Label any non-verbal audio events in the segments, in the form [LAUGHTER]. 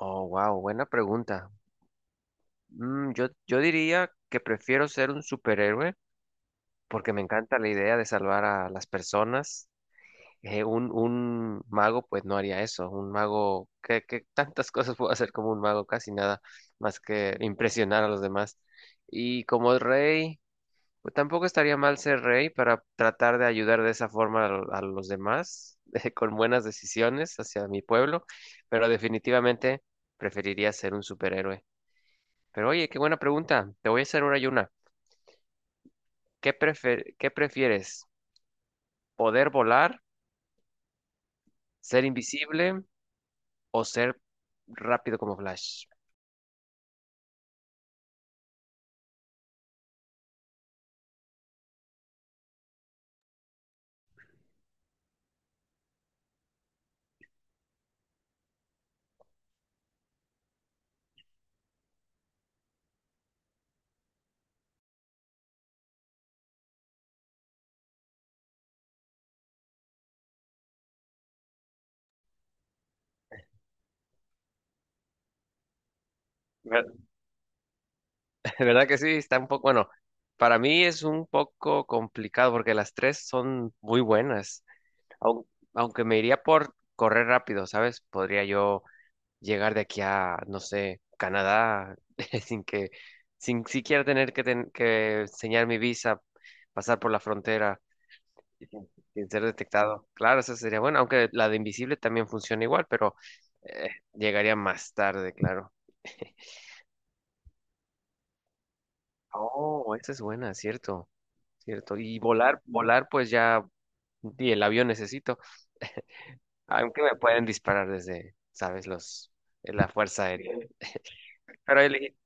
Oh, wow, buena pregunta. Yo diría que prefiero ser un superhéroe porque me encanta la idea de salvar a las personas. Un mago pues no haría eso. Un mago, ¿que tantas [LAUGHS] cosas puedo hacer como un mago? Casi nada más que impresionar a los demás. Y como rey, pues tampoco estaría mal ser rey para tratar de ayudar de esa forma a los demás, [LAUGHS] con buenas decisiones hacia mi pueblo, pero definitivamente preferiría ser un superhéroe. Pero oye, qué buena pregunta. Te voy a hacer ahora yo una. ¿Qué prefieres? ¿Poder volar, ser invisible o ser rápido como Flash? Ver- [LAUGHS] ¿Verdad que sí? Está un poco, bueno, para mí es un poco complicado porque las tres son muy buenas. Aun- Aunque me iría por correr rápido, ¿sabes? Podría yo llegar de aquí a, no sé, Canadá [LAUGHS] sin que, sin siquiera tener que, que enseñar mi visa, pasar por la frontera. Y sin ser detectado. Claro, eso sería bueno, aunque la de invisible también funciona igual, pero llegaría más tarde, claro. [LAUGHS] Oh, esa es buena, cierto, cierto. Y volar, volar, pues ya, y el avión necesito, aunque me pueden disparar desde, sabes, los, la fuerza aérea. Pero elegí-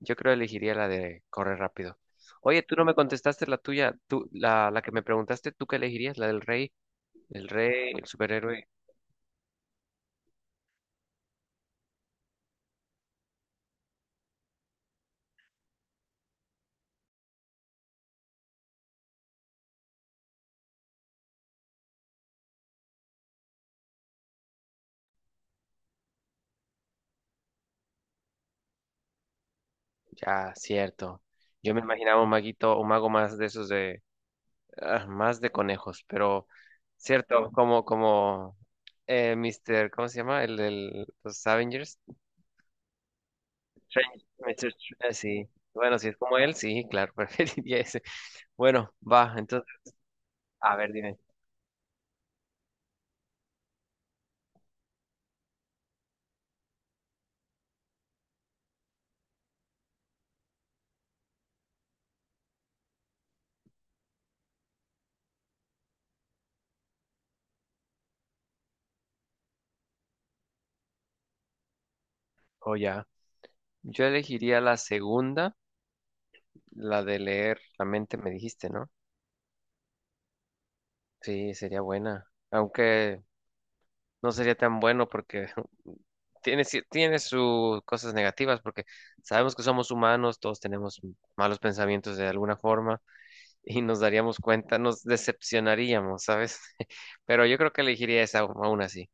yo creo elegiría la de correr rápido. Oye, tú no me contestaste la tuya, tú, la que me preguntaste, ¿tú qué elegirías? La del rey, el superhéroe. Ya, cierto. Yo me imaginaba un maguito, un mago más de esos de, ah, más de conejos, pero cierto, como, Mr., ¿cómo se llama? El de los Avengers. Strange, Mr. sí. Bueno, si es como él, sí, claro, [LAUGHS] preferiría ese. Bueno, va, entonces, a ver, dime. O ya. Yo elegiría la segunda, la de leer la mente, me dijiste, ¿no? Sí, sería buena. Aunque no sería tan bueno porque [LAUGHS] tiene sus cosas negativas, porque sabemos que somos humanos, todos tenemos malos pensamientos de alguna forma [LAUGHS] y nos daríamos cuenta, nos decepcionaríamos, ¿sabes? [LAUGHS] Pero yo creo que elegiría esa aún así.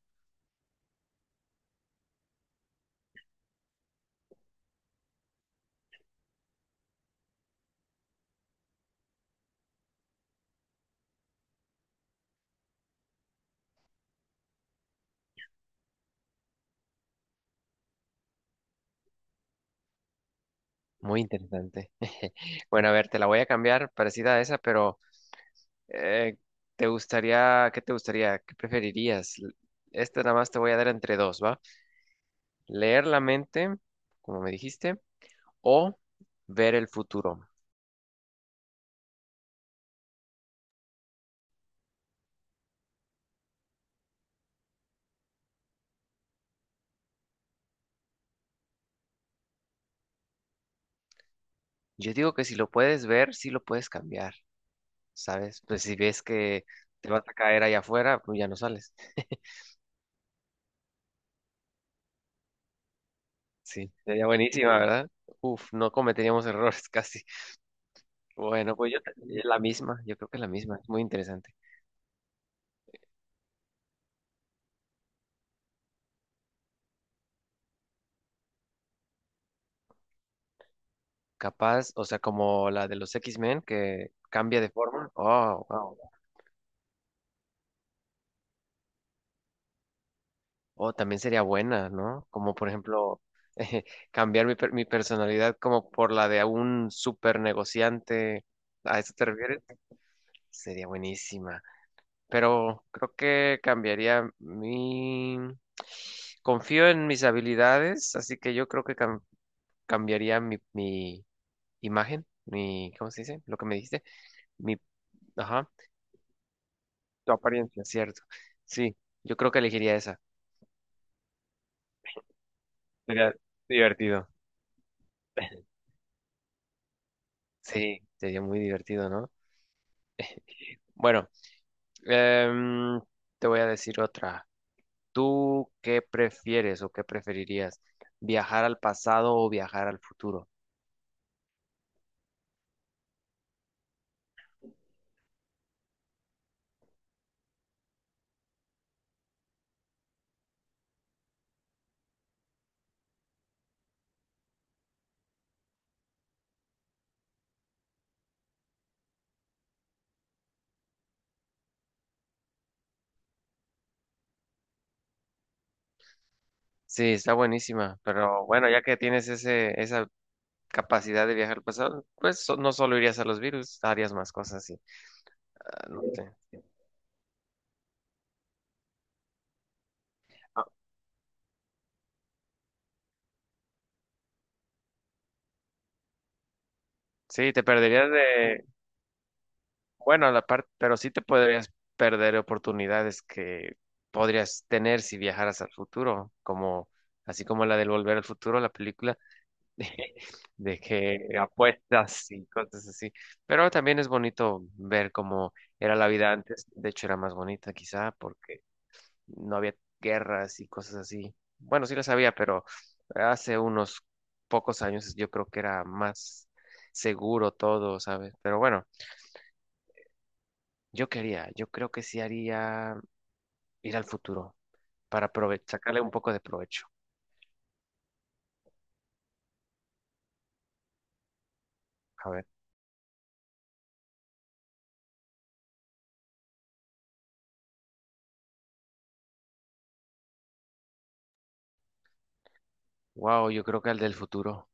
Muy interesante. [LAUGHS] Bueno, a ver, te la voy a cambiar, parecida a esa, pero eh, ¿qué preferirías? Esta nada más te voy a dar entre dos, ¿va? Leer la mente, como me dijiste, o ver el futuro. Yo digo que si lo puedes ver, sí lo puedes cambiar, ¿sabes? Pues si ves que te vas a caer allá afuera, pues ya no sales. [LAUGHS] Sí, sería buenísima, ¿verdad? Uf, no cometeríamos errores [LAUGHS] casi. Bueno, pues la misma, yo creo que la misma, es muy interesante. Capaz, o sea, como la de los X-Men que cambia de forma. Oh, wow. Oh, también sería buena, ¿no? Como por ejemplo, [LAUGHS] cambiar mi personalidad como por la de un super negociante. ¿A eso te refieres? Sería buenísima, pero creo que cambiaría mi... Confío en mis habilidades, así que yo creo que cambiaría mi imagen, mi, ¿cómo se dice? Lo que me dijiste, mi, ajá. Tu apariencia, cierto. Sí, yo creo que elegiría esa. Sería divertido. [LAUGHS] Sí, sería muy divertido, ¿no? Bueno, em, te voy a decir otra. ¿Tú qué prefieres o qué preferirías? ¿Viajar al pasado o viajar al futuro? Sí, está buenísima, pero bueno, ya que tienes esa capacidad de viajar al pasado, pues no solo irías a los virus, harías más cosas y ah, no sé. Ah, sí, te perderías de, bueno, la parte, pero sí te podrías perder oportunidades que podrías tener si viajaras al futuro, como así como la del Volver al Futuro, la película [LAUGHS] de, de que apuestas y cosas así. Pero también es bonito ver cómo era la vida antes, de hecho era más bonita quizá porque no había guerras y cosas así. Bueno, sí las había, pero hace unos pocos años yo creo que era más seguro todo, ¿sabes? Pero bueno, yo creo que sí haría ir al futuro para sacarle un poco de provecho. A ver, wow, yo creo que al del futuro.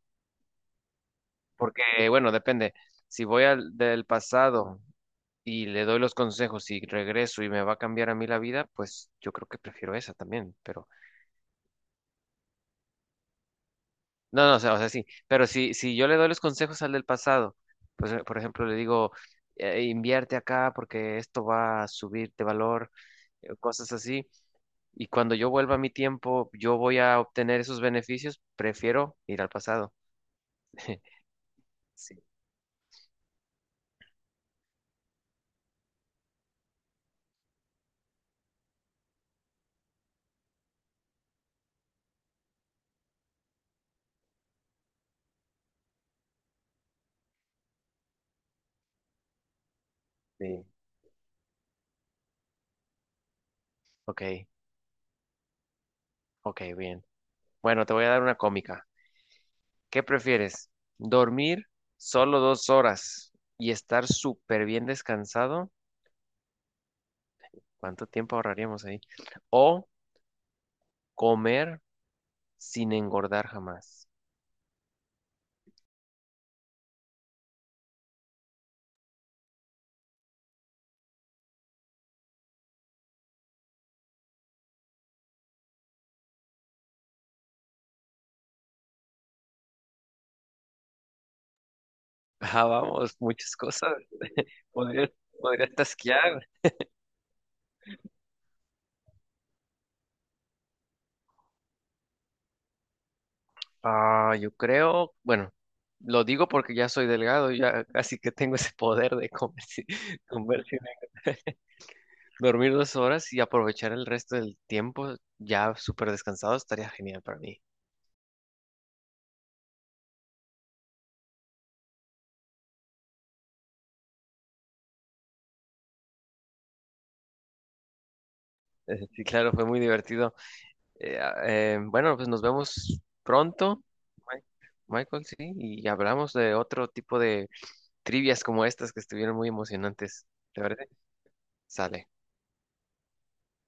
Porque, bueno, depende. Si voy al del pasado y le doy los consejos y regreso y me va a cambiar a mí la vida, pues yo creo que prefiero esa también, pero... No, no, sí, pero si yo le doy los consejos al del pasado, pues, por ejemplo, le digo, invierte acá porque esto va a subir de valor, cosas así", y cuando yo vuelva a mi tiempo, yo voy a obtener esos beneficios, prefiero ir al pasado. [LAUGHS] Sí, sí. Ok, ok, bien. Bueno, te voy a dar una cómica. ¿Qué prefieres? ¿Dormir solo 2 horas y estar súper bien descansado? ¿Cuánto tiempo ahorraríamos ahí? ¿O comer sin engordar jamás? [LAUGHS] Ah, vamos, muchas cosas. [LAUGHS] Podría, podría tasquear. Ah, yo creo, bueno, lo digo porque ya soy delgado, ya casi que tengo ese poder de comer [LAUGHS] comer sin engordar. [LAUGHS] Dormir 2 horas y aprovechar el resto del tiempo ya súper descansado estaría genial para mí. Sí, claro, fue muy divertido. Bueno, pues nos vemos pronto, Mi- Michael, sí, y hablamos de otro tipo de trivias como estas que estuvieron muy emocionantes. ¿Te parece? Sale.